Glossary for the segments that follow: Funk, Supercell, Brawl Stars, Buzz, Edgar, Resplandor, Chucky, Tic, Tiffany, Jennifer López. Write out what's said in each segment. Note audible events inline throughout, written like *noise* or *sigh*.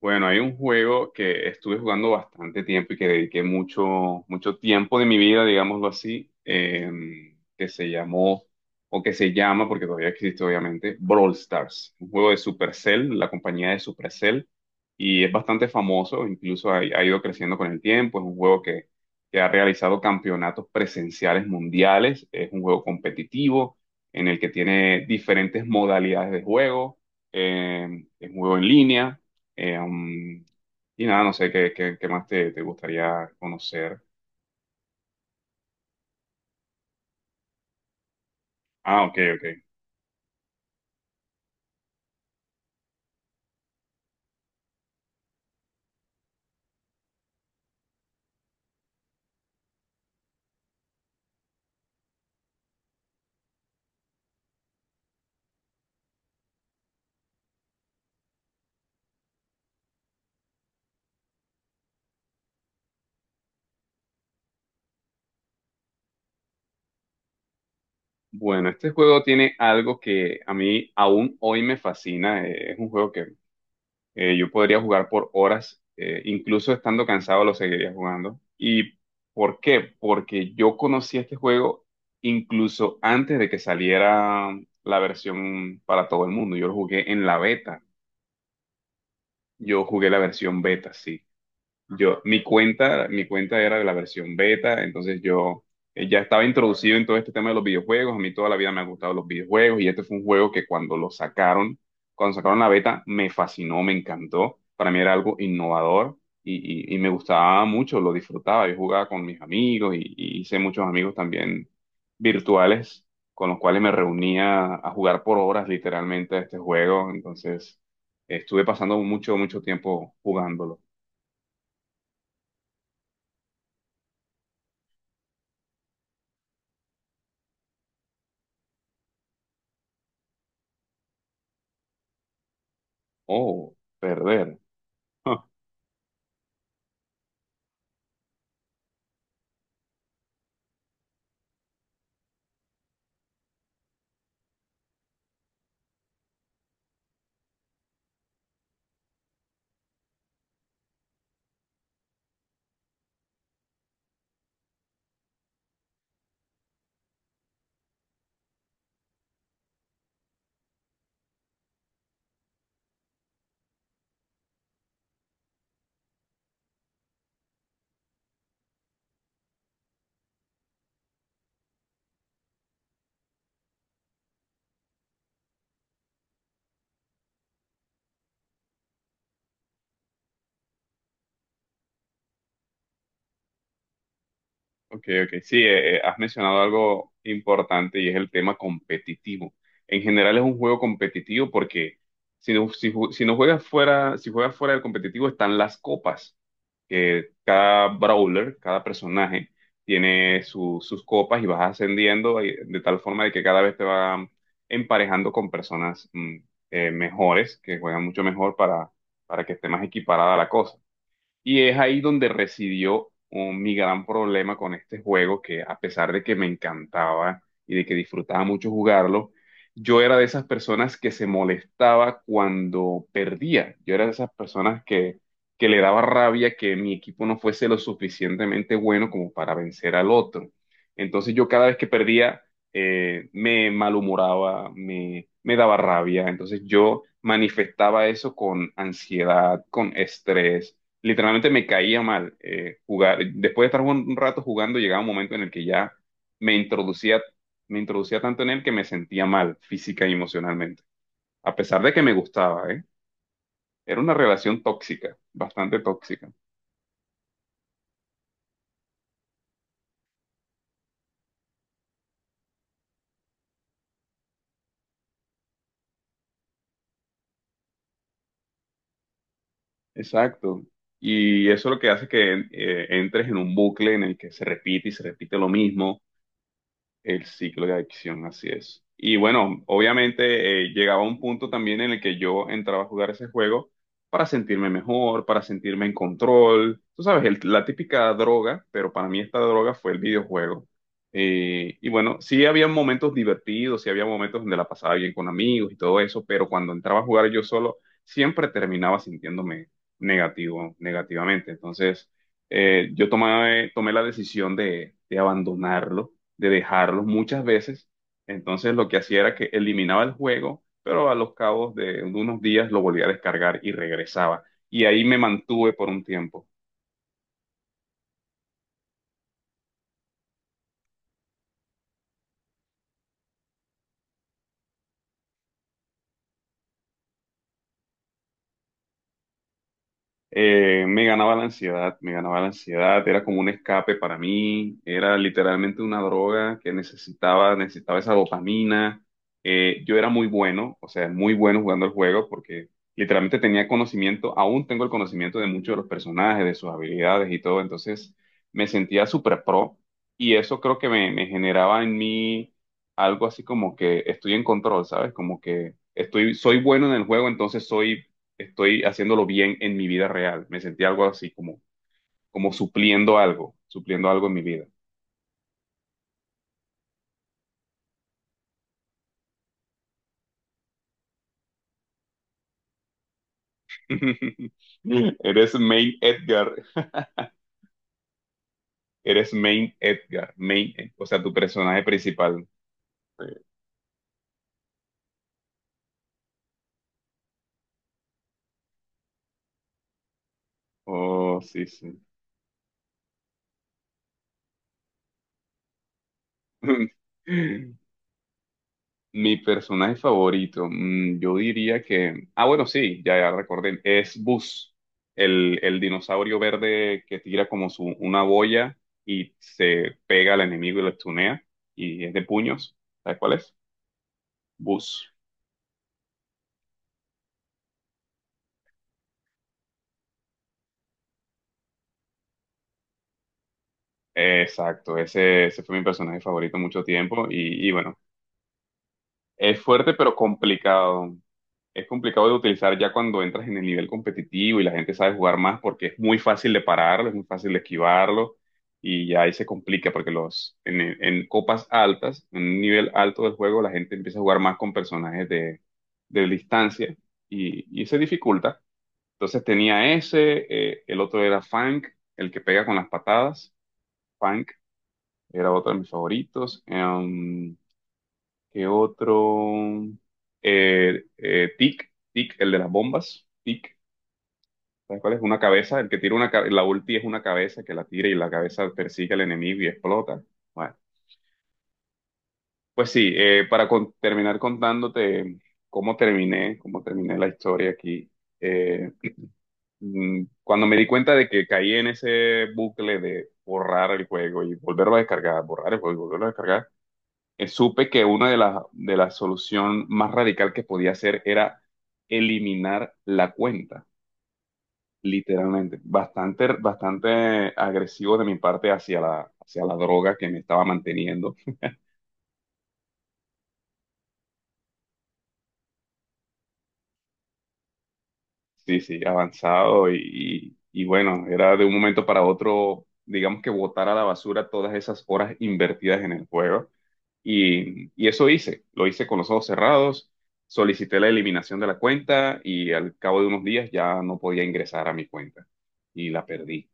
Bueno, hay un juego que estuve jugando bastante tiempo y que dediqué mucho, mucho tiempo de mi vida, digámoslo así, que se llamó, o que se llama, porque todavía existe obviamente, Brawl Stars, un juego de Supercell, la compañía de Supercell, y es bastante famoso, incluso ha ido creciendo con el tiempo, es un juego que ha realizado campeonatos presenciales mundiales, es un juego competitivo en el que tiene diferentes modalidades de juego, es un juego en línea eh, um, y nada, no sé qué más te gustaría conocer. Ah, ok, ok. Bueno, este juego tiene algo que a mí aún hoy me fascina. Es un juego que yo podría jugar por horas, incluso estando cansado lo seguiría jugando. ¿Y por qué? Porque yo conocí este juego incluso antes de que saliera la versión para todo el mundo. Yo lo jugué en la beta. Yo jugué la versión beta, sí. Yo, mi cuenta era de la versión beta, entonces yo ya estaba introducido en todo este tema de los videojuegos. A mí toda la vida me han gustado los videojuegos y este fue un juego que cuando lo sacaron, cuando sacaron la beta, me fascinó, me encantó. Para mí era algo innovador y me gustaba mucho, lo disfrutaba. Yo jugaba con mis amigos y hice muchos amigos también virtuales con los cuales me reunía a jugar por horas literalmente a este juego. Entonces, estuve pasando mucho, mucho tiempo jugándolo. Oh, perder. *laughs* Ok, ok. Sí, has mencionado algo importante y es el tema competitivo. En general es un juego competitivo porque si no, si no juegas fuera, si juegas fuera del competitivo están las copas, que cada brawler, cada personaje sus copas y vas ascendiendo y de tal forma de que cada vez te van emparejando con personas mejores, que juegan mucho mejor para que esté más equiparada la cosa. Y es ahí donde residió mi gran problema con este juego, que a pesar de que me encantaba y de que disfrutaba mucho jugarlo, yo era de esas personas que se molestaba cuando perdía. Yo era de esas personas que le daba rabia que mi equipo no fuese lo suficientemente bueno como para vencer al otro. Entonces yo cada vez que perdía me malhumoraba, me daba rabia. Entonces yo manifestaba eso con ansiedad, con estrés, literalmente me caía mal jugar. Después de estar un rato jugando, llegaba un momento en el que ya me introducía, me introducía tanto en él que me sentía mal física y emocionalmente, a pesar de que me gustaba, ¿eh? Era una relación tóxica, bastante tóxica. Exacto. Y eso es lo que hace que entres en un bucle en el que se repite y se repite lo mismo. El ciclo de adicción, así es. Y bueno, obviamente llegaba un punto también en el que yo entraba a jugar ese juego para sentirme mejor, para sentirme en control. Tú sabes, la típica droga, pero para mí esta droga fue el videojuego. Y bueno, sí había momentos divertidos, sí había momentos donde la pasaba bien con amigos y todo eso, pero cuando entraba a jugar yo solo, siempre terminaba sintiéndome negativo, negativamente. Entonces, yo tomé la decisión de abandonarlo, de dejarlos muchas veces. Entonces lo que hacía era que eliminaba el juego, pero a los cabos de unos días lo volvía a descargar y regresaba. Y ahí me mantuve por un tiempo. Me ganaba la ansiedad, me ganaba la ansiedad, era como un escape para mí, era literalmente una droga que necesitaba, necesitaba esa dopamina. Yo era muy bueno, o sea, muy bueno jugando el juego porque literalmente tenía conocimiento, aún tengo el conocimiento de muchos de los personajes, de sus habilidades y todo, entonces me sentía súper pro y eso creo que me generaba en mí algo así como que estoy en control, ¿sabes? Como que estoy, soy bueno en el juego, entonces soy, estoy haciéndolo bien en mi vida real. Me sentí algo así, como, como supliendo algo en mi vida. *laughs* Eres Main Edgar, eres Main Edgar, Main, o sea, tu personaje principal. Sí. Oh, sí, sí. *laughs* Mi personaje favorito, mm, yo diría que... Ah, bueno, sí, ya recordé. Es Buzz, el dinosaurio verde que tira como su, una boya y se pega al enemigo y lo estunea. Y es de puños. ¿Sabes cuál es? Buzz. Exacto, ese fue mi personaje favorito mucho tiempo. Y bueno, es fuerte pero complicado. Es complicado de utilizar ya cuando entras en el nivel competitivo y la gente sabe jugar más porque es muy fácil de pararlo, es muy fácil de esquivarlo y ya ahí se complica porque en copas altas, en un nivel alto del juego, la gente empieza a jugar más con personajes de distancia y se dificulta. Entonces tenía ese, el otro era Funk, el que pega con las patadas, Funk era otro de mis favoritos. ¿Qué otro? Tic, Tic, el de las bombas. Tic, ¿sabes cuál es? Una cabeza, el que tira una cabeza, la ulti es una cabeza que la tira y la cabeza persigue al enemigo y explota. Bueno, pues sí, para terminar contándote cómo terminé la historia aquí. eh, Cuando me di cuenta de que caí en ese bucle de borrar el juego y volverlo a descargar, borrar el juego y volverlo a descargar, supe que una de las de la solución más radical que podía hacer era eliminar la cuenta, literalmente. Bastante, bastante agresivo de mi parte hacia hacia la droga que me estaba manteniendo. Sí, sí, avanzado y bueno, era de un momento para otro, digamos que botar a la basura todas esas horas invertidas en el juego. Y eso hice, lo hice con los ojos cerrados, solicité la eliminación de la cuenta y al cabo de unos días ya no podía ingresar a mi cuenta y la perdí.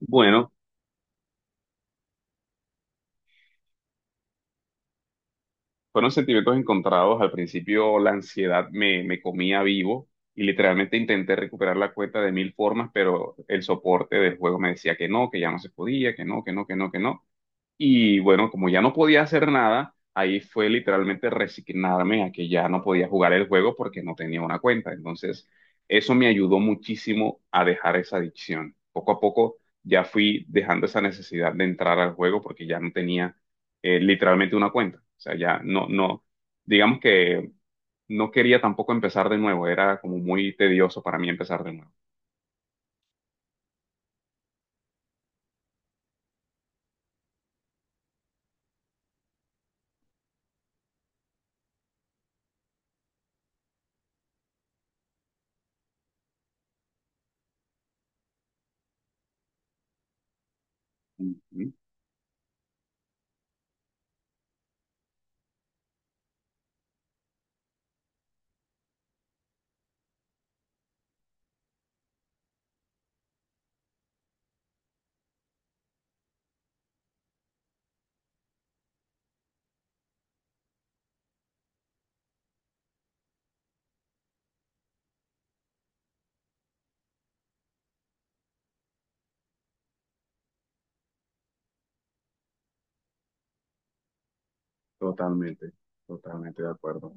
Bueno, fueron sentimientos encontrados. Al principio la ansiedad me comía vivo y literalmente intenté recuperar la cuenta de mil formas, pero el soporte del juego me decía que no, que ya no se podía, que no, que no, que no, que no. Y bueno, como ya no podía hacer nada, ahí fue literalmente resignarme a que ya no podía jugar el juego porque no tenía una cuenta. Entonces, eso me ayudó muchísimo a dejar esa adicción. Poco a poco ya fui dejando esa necesidad de entrar al juego porque ya no tenía literalmente una cuenta. O sea, ya no, no, digamos que no quería tampoco empezar de nuevo. Era como muy tedioso para mí empezar de nuevo. Ujú, totalmente, totalmente de acuerdo.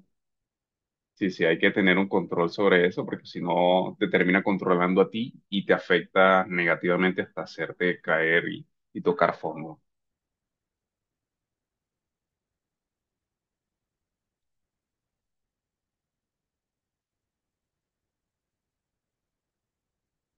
Sí, sí, hay que tener un control sobre eso porque si no te termina controlando a ti y te afecta negativamente hasta hacerte caer y tocar fondo.